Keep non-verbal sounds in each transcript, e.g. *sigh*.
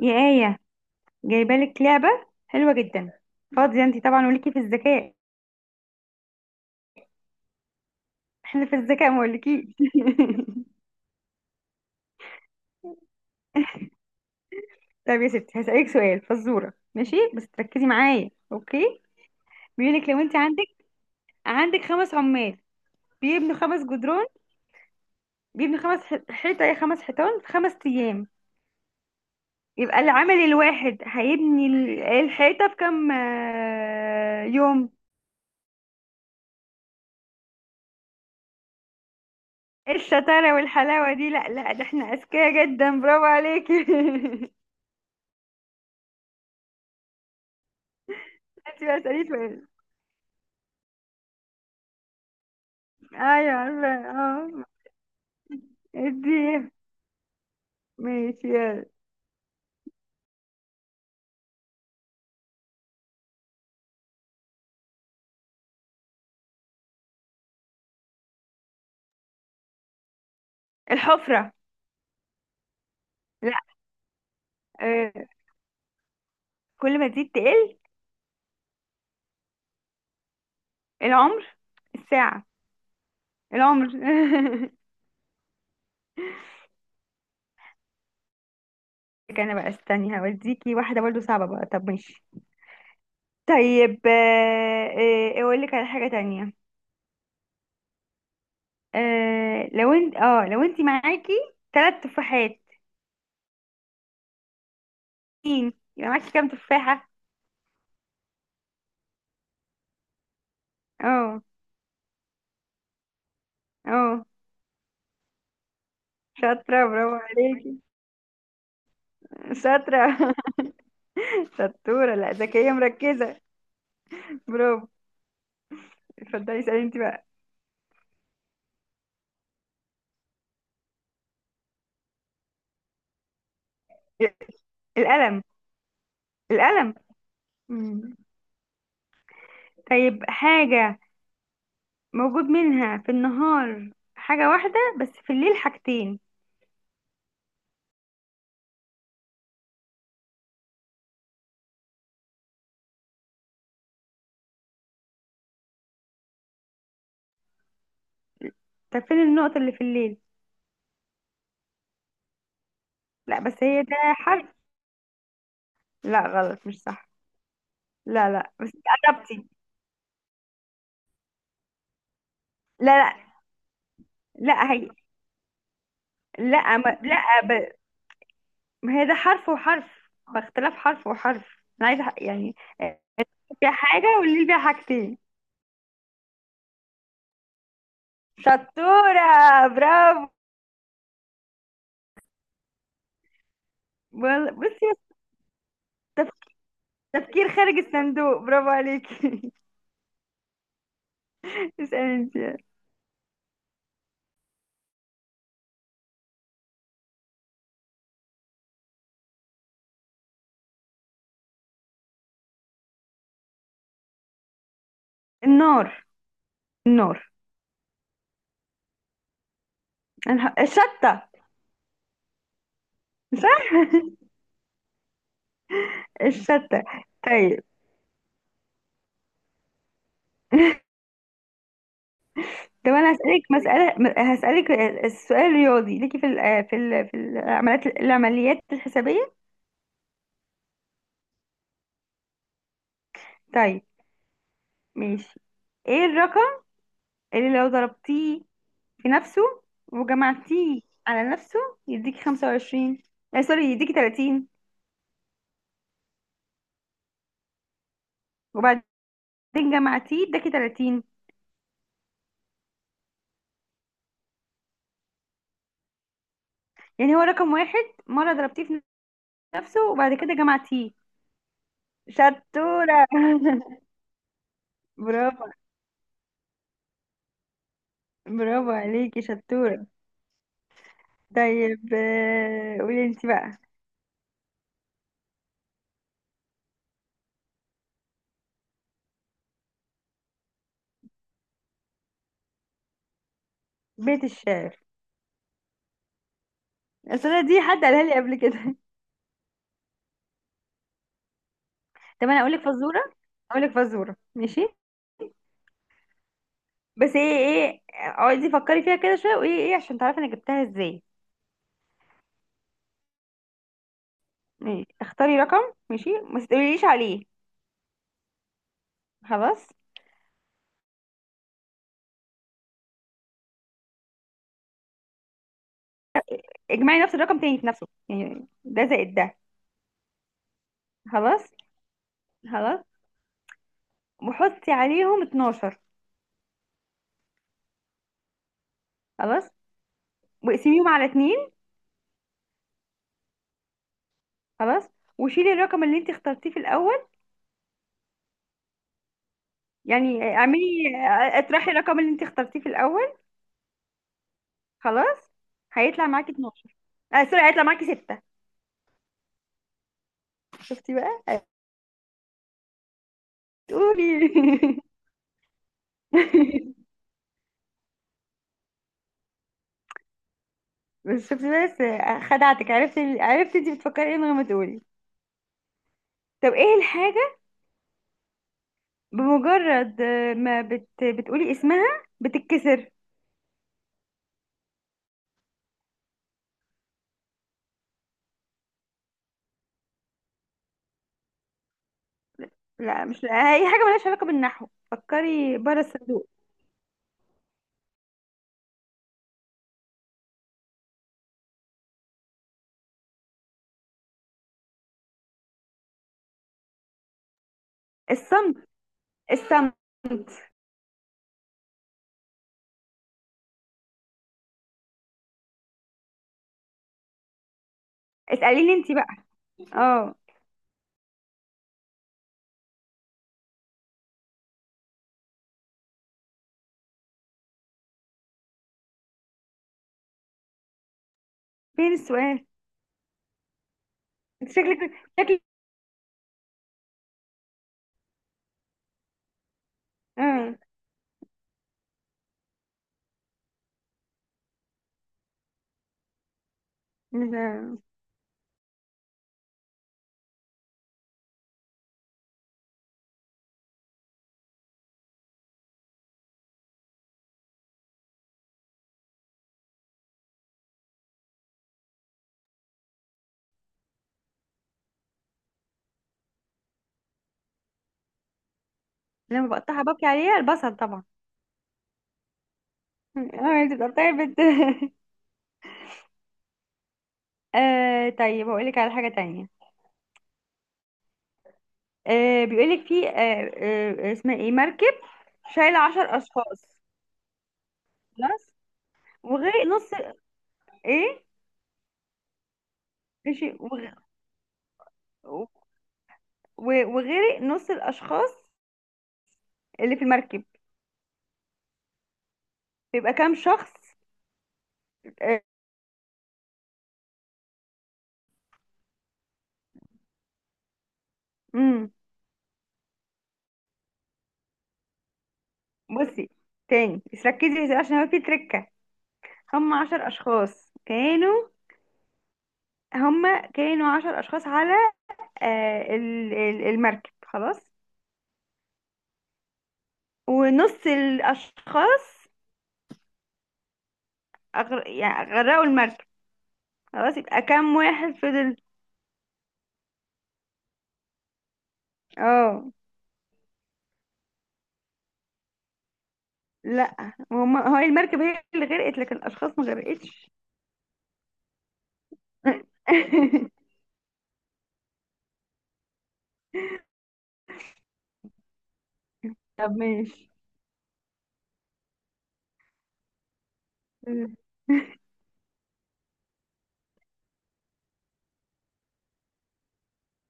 يا آية، جايبالك لعبة حلوة جدا. فاضية انتي طبعا وليكي في الذكاء؟ احنا في الذكاء ما اقولكيش. *laughs* طب يا ستي هسألك سؤال فزورة ماشي، بس تركزي معايا اوكي. بيقولك لو انتي عندك خمس عمال بيبنوا خمس جدران، بيبنوا خمس حيطة، ايه، خمس حيطان في خمس أيام، يبقى العامل الواحد هيبني الحيطة في كام، يوم؟ إيه الشطارة والحلاوة دي! لا لا، ده احنا أذكياء جدا، برافو عليكي. *laughs* انتي بقى اسألي سؤال. ايوه عارفة، اه. الدي ماشي يلا. الحفرة. لا. آه. كل ما تزيد تقل. العمر. الساعة. العمر. *laughs* انا بقى استني، هوديكي واحدة برضو صعبة بقى، طب ماشي. طيب، اقول لك على حاجة تانية. لو انت، لو انت معاكي ثلاث تفاحات، مين يبقى معاكي كام تفاحة؟ اه. اه. شاطرة برافو عليكي. شاطرة. *laughs* شطورة، لا ذكية مركزة. برافو. اتفضلي اسألي انت بقى. القلم. القلم. مم. طيب حاجة موجود منها في النهار حاجة واحدة، بس في الليل حاجتين. طب فين النقطة اللي في الليل؟ لا، بس هي ده حرف. لا غلط، مش صح. لا لا، بس انت قربتي. لا، لا هي. لا ما لا ما هي ده حرف وحرف، باختلاف حرف وحرف، انا عايزة يعني، فيها حاجة والليل فيها حاجتين. شطورة برافو. بصي. تفكير خارج الصندوق، برافو عليكي. *laughs* اسألي انت. النار. النار. الشتة. صح. *laughs* الشتة. طيب. طب انا هسألك مسألة، هسألك السؤال الرياضي، ليكي في ال في ال في العمليات، الحسابية. طيب ماشي. ايه الرقم اللي لو ضربتيه في نفسه وجمعتيه على نفسه يديكي 25، آه سوري يديكي 30، وبعدين جمعتيه اداكي 30. يعني هو رقم واحد مرة ضربتيه في نفسه، وبعد كده جمع تي شطورة. *laughs* برافو. برافو عليكي شطورة. طيب، قولي انت بقى. بيت الشعر. اصل أنا دي حد قالها لي قبل كده. *laughs* طب انا اقول لك فزورة، اقول لك فزورة ماشي. بس ايه ايه اقعدي فكري فيها كده شوية، وايه ايه عشان تعرفي انا جبتها ازاي. ماشي. اختاري رقم ماشي، ما تقوليليش عليه. خلاص. اجمعي نفس الرقم تاني في نفسه، يعني ده زائد ده. خلاص. خلاص. وحطي عليهم 12. خلاص. واقسميهم على اتنين. خلاص. وشيلي الرقم اللي انت اخترتيه في الاول. يعني اعملي، اطرحي الرقم اللي انت اخترتيه في الاول. خلاص. هيطلع معاكي 12. اه سوري هيطلع معاكي 6. شفتي بقى؟ تقولي. *laughs* بس شفتي، بس خدعتك، عرفت انت بتفكري ايه من غير ما تقولي. طب ايه الحاجة بمجرد ما بتقولي اسمها بتتكسر؟ لا مش. لا. اي حاجة ملهاش علاقة بالنحو، فكري بره الصندوق. الصمت. الصمت. اسأليني انت بقى. اه. فين السؤال؟ انت شكلك شكلك. اه. ل- لما بقطعها ببكي عليها، البصل طبعا. اه، انت بتقطعي بت. *laughs* آه طيب هقول لك على حاجة تانية. بيقول لك في، اسمها ايه، مركب شايل عشر اشخاص. خلاص. وغرق نص. ايه؟ ماشي. وغرق نص الاشخاص اللي في المركب، بيبقى كام شخص؟ آه. امم. بصي تاني بس ركزي، عشان هو في تركة. هم عشر اشخاص كانوا، هما كانوا عشر أشخاص على، المركب، خلاص. ونص الأشخاص يعني غرقوا المركب، خلاص، يبقى كام واحد فضل؟ اه. لا هما هو المركب هي اللي غرقت، لكن الأشخاص ما غرقتش. *laughs* طب ماشي.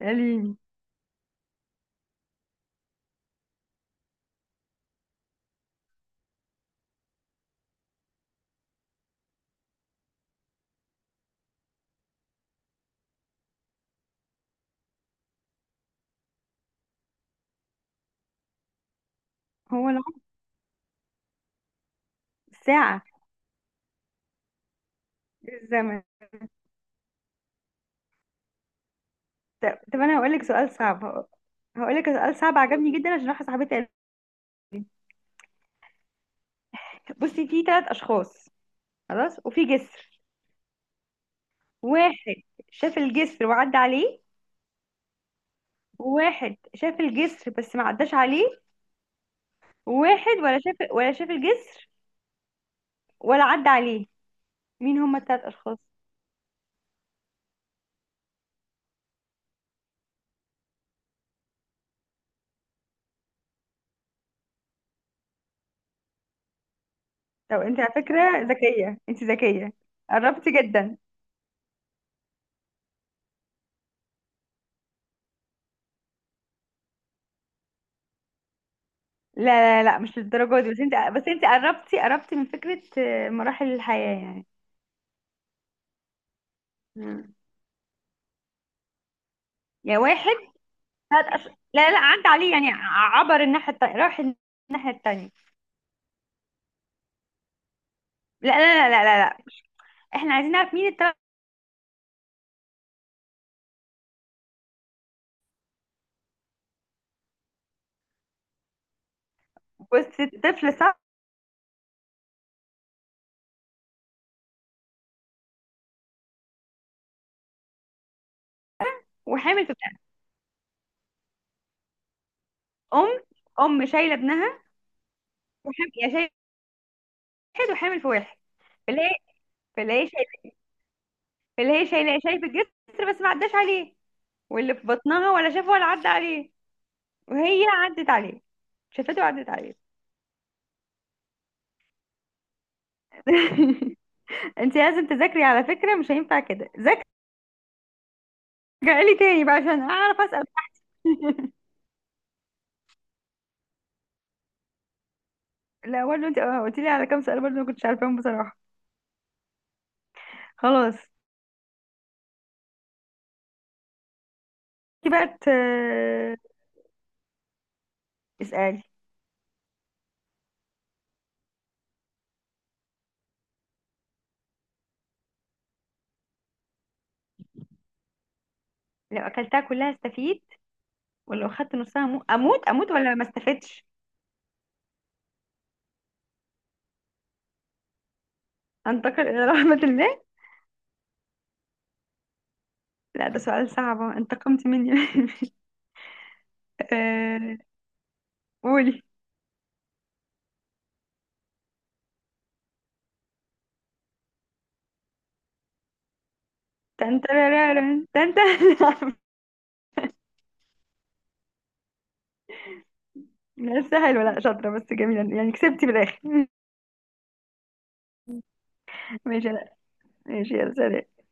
قاليني. هو العمر. ساعة. الزمن. طب أنا هقولك سؤال صعب، هقولك سؤال صعب عجبني جدا، عشان راح صاحبتي قالت. بصي، في ثلاث أشخاص، خلاص، وفي جسر. واحد شاف الجسر وعدى عليه. وواحد شاف الجسر بس ما عداش عليه. وواحد ولا شاف، الجسر ولا عدى عليه. مين هما التلات اشخاص؟ طب انت على فكرة ذكية، انت ذكية، قربتي جدا. لا لا، لا مش للدرجة دي، بس انت قربتي، قربتي من فكرة، مراحل الحياة يعني. مم. يا واحد. ثلاث أش... لا لا، عدى عليه يعني عبر الناحية التانية، راح الناحية التانية. لا. احنا عايزين نعرف مين التلات. بس الطفل صح. وحامل. ام. ام شايله ابنها. وحام... يا شايل واحد، وحامل في واحد. فاللي هي فاللي هي شايله فاللي هي شايله شايف الجسر بس ما عداش عليه. واللي في بطنها ولا شافه ولا عدى عليه. وهي عدت عليه، شافته وعدت عليه. *laughs* انت لازم تذاكري على فكره، مش هينفع كده، ذاكري لي تاني بقى عشان اعرف اسال. *laughs* لا برضه انت قلت لي على كام سؤال برضه ما كنتش عارفاهم بصراحه. خلاص. انت بقى اسالي. لو اكلتها كلها استفيد، ولو خدت نصها اموت، اموت ولا ما استفدتش؟ أنتقل إلى رحمة الماء. لا ده سؤال صعب، انتقمت مني. *laughs* آه، قولي. تنترارارن تنت. *laughs* لسه حلوة، لا شاطرة، بس جميلة يعني، كسبتي في الآخر. *laughs* ماشي. لا ماشي، يا سلام.